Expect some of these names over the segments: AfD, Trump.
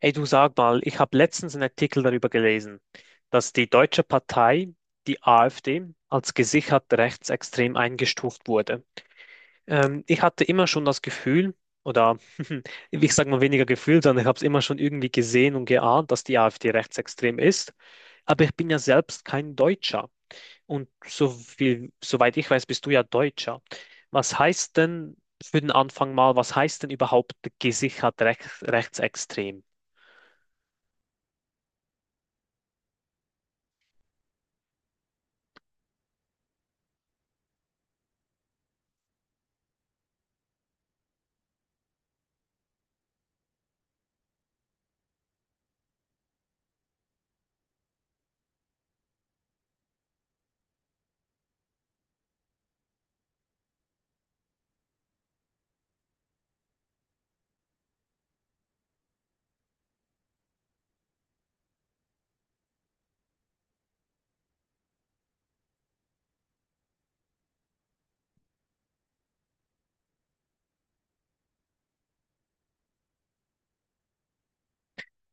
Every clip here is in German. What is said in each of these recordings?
Ey, du, sag mal, ich habe letztens einen Artikel darüber gelesen, dass die deutsche Partei, die AfD, als gesichert rechtsextrem eingestuft wurde. Ich hatte immer schon das Gefühl, oder ich sage mal weniger Gefühl, sondern ich habe es immer schon irgendwie gesehen und geahnt, dass die AfD rechtsextrem ist. Aber ich bin ja selbst kein Deutscher. Und so viel, soweit ich weiß, bist du ja Deutscher. Was heißt denn für den Anfang mal, was heißt denn überhaupt gesichert rechtsextrem?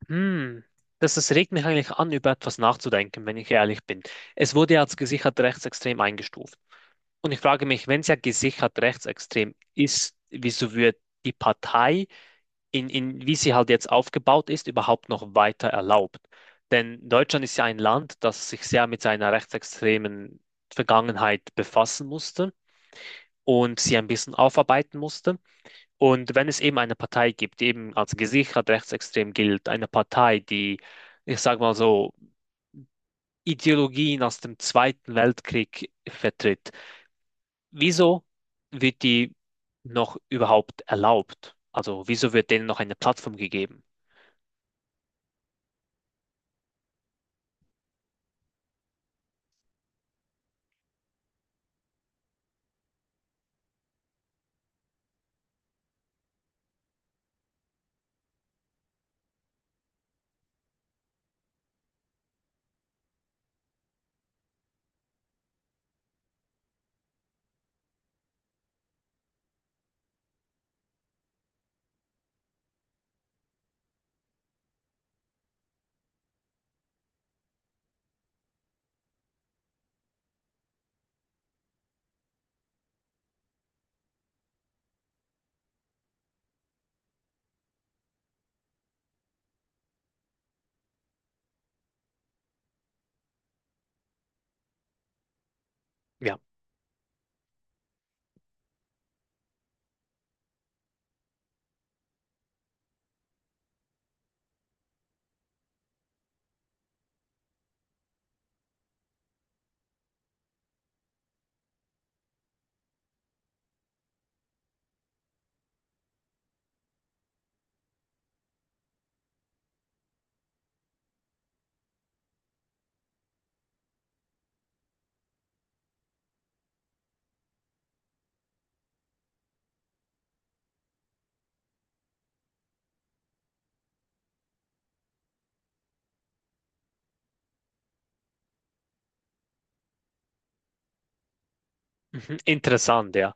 Hm, das regt mich eigentlich an, über etwas nachzudenken, wenn ich ehrlich bin. Es wurde ja als gesichert rechtsextrem eingestuft. Und ich frage mich, wenn es ja gesichert rechtsextrem ist, wieso wird die Partei, wie sie halt jetzt aufgebaut ist, überhaupt noch weiter erlaubt? Denn Deutschland ist ja ein Land, das sich sehr mit seiner rechtsextremen Vergangenheit befassen musste und sie ein bisschen aufarbeiten musste. Und wenn es eben eine Partei gibt, die eben als gesichert rechtsextrem gilt, eine Partei, die, ich sage mal so, Ideologien aus dem Zweiten Weltkrieg vertritt, wieso wird die noch überhaupt erlaubt? Also wieso wird denen noch eine Plattform gegeben? Ja, mhm. Interessant, ja.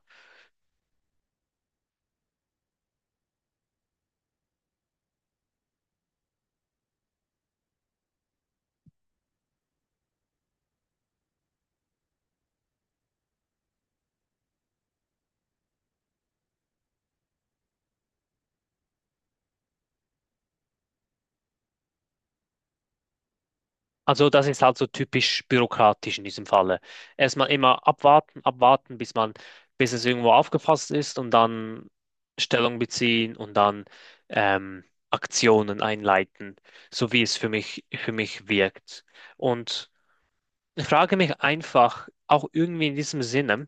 Also das ist halt so typisch bürokratisch in diesem Falle. Erstmal immer abwarten, abwarten, bis man, bis es irgendwo aufgefasst ist und dann Stellung beziehen und dann ähm, Aktionen einleiten, so wie es für mich wirkt. Und ich frage mich einfach, auch irgendwie in diesem Sinne,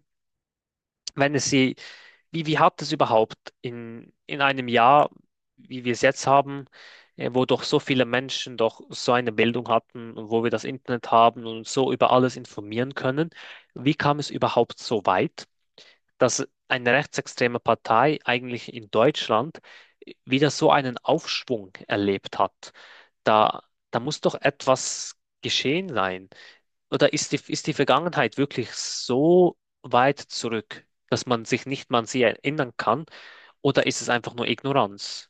wenn es sie wie, wie hat es überhaupt in einem Jahr, wie wir es jetzt haben, wo doch so viele Menschen doch so eine Bildung hatten und wo wir das Internet haben und uns so über alles informieren können, wie kam es überhaupt so weit, dass eine rechtsextreme Partei eigentlich in Deutschland wieder so einen Aufschwung erlebt hat? Da, da muss doch etwas geschehen sein oder ist ist die Vergangenheit wirklich so weit zurück, dass man sich nicht mal an sie erinnern kann? Oder ist es einfach nur Ignoranz?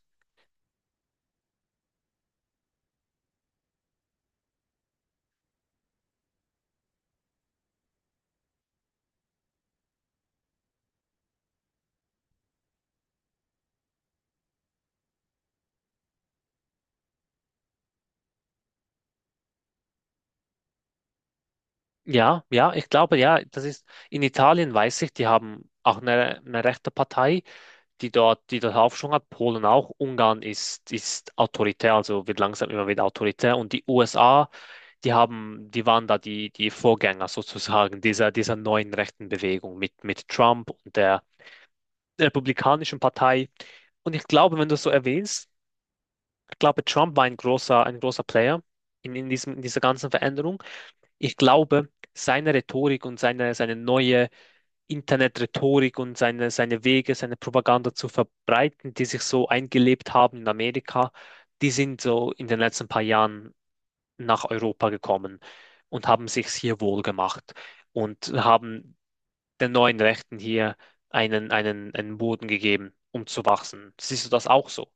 Ja, ja, ich glaube, ja, das ist, in Italien weiß ich, die haben auch eine rechte Partei, die die dort Aufschwung hat, Polen auch, Ungarn ist, ist autoritär, also wird langsam immer wieder autoritär, und die USA, die haben, die waren da die Vorgänger sozusagen dieser neuen rechten Bewegung mit Trump und der Republikanischen Partei. Und ich glaube, wenn du es so erwähnst, ich glaube, Trump war ein großer Player in diesem, in dieser ganzen Veränderung. Ich glaube, seine Rhetorik und seine neue Internet-Rhetorik und seine Wege, seine Propaganda zu verbreiten, die sich so eingelebt haben in Amerika, die sind so in den letzten paar Jahren nach Europa gekommen und haben sich hier wohl gemacht und haben den neuen Rechten hier einen Boden gegeben, um zu wachsen. Siehst du das auch so?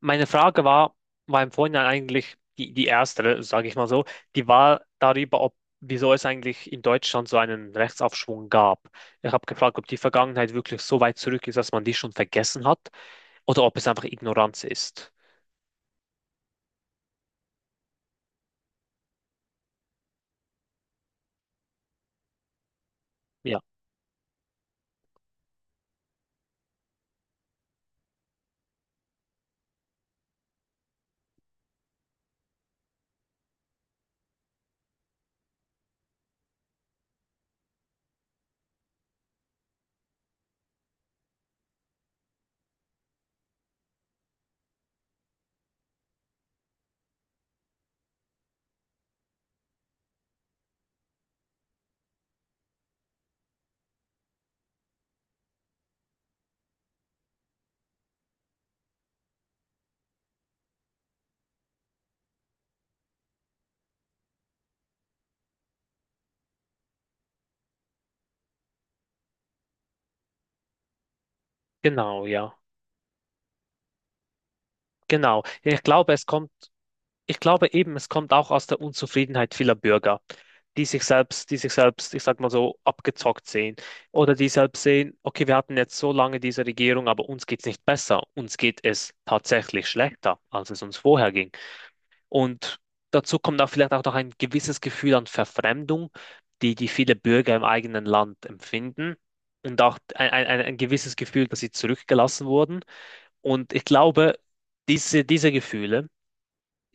Meine Frage war, war im Vorhinein eigentlich die erste, sage ich mal so, die war darüber, ob, wieso es eigentlich in Deutschland so einen Rechtsaufschwung gab. Ich habe gefragt, ob die Vergangenheit wirklich so weit zurück ist, dass man die schon vergessen hat oder ob es einfach Ignoranz ist. Ja, genau, ja. Genau. Ja, ich glaube, es kommt. Ich glaube eben, es kommt auch aus der Unzufriedenheit vieler Bürger, die sich selbst, ich sag mal so, abgezockt sehen. Oder die selbst sehen, okay, wir hatten jetzt so lange diese Regierung, aber uns geht's nicht besser. Uns geht es tatsächlich schlechter, als es uns vorher ging. Und dazu kommt auch vielleicht auch noch ein gewisses Gefühl an Verfremdung, die viele Bürger im eigenen Land empfinden. Und auch ein gewisses Gefühl, dass sie zurückgelassen wurden. Und ich glaube, diese Gefühle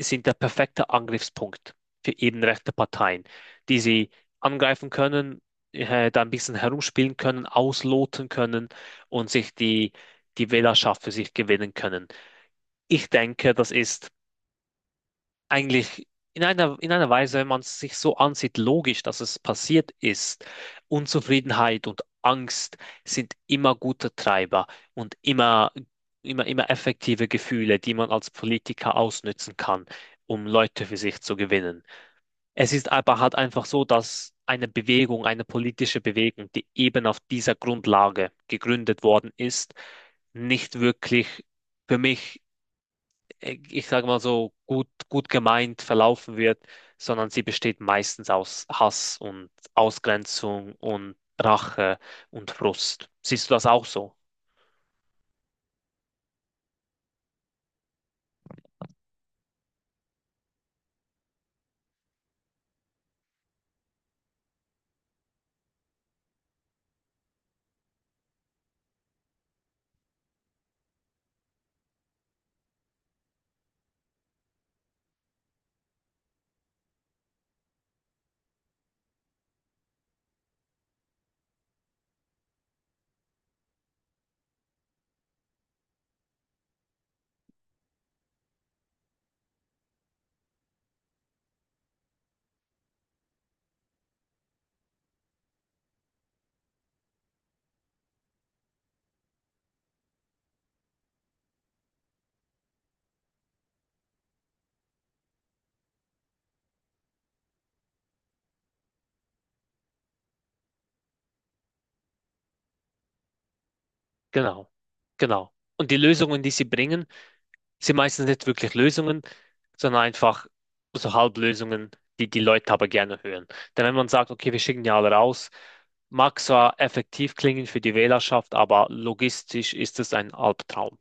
sind der perfekte Angriffspunkt für eben rechte Parteien, die sie angreifen können, da ein bisschen herumspielen können, ausloten können und sich die Wählerschaft für sich gewinnen können. Ich denke, das ist eigentlich in einer Weise, wenn man es sich so ansieht, logisch, dass es passiert ist. Unzufriedenheit und Angst sind immer gute Treiber und immer effektive Gefühle, die man als Politiker ausnützen kann, um Leute für sich zu gewinnen. Es ist aber halt einfach so, dass eine politische Bewegung, die eben auf dieser Grundlage gegründet worden ist, nicht wirklich für mich ich sage mal so, gut gemeint verlaufen wird, sondern sie besteht meistens aus Hass und Ausgrenzung und Rache und Frust. Siehst du das auch so? Genau, genau. Und die Lösungen, die sie bringen, sind meistens nicht wirklich Lösungen, sondern einfach so Halblösungen, die die Leute aber gerne hören. Denn wenn man sagt, okay, wir schicken die alle raus, mag zwar effektiv klingen für die Wählerschaft, aber logistisch ist es ein Albtraum.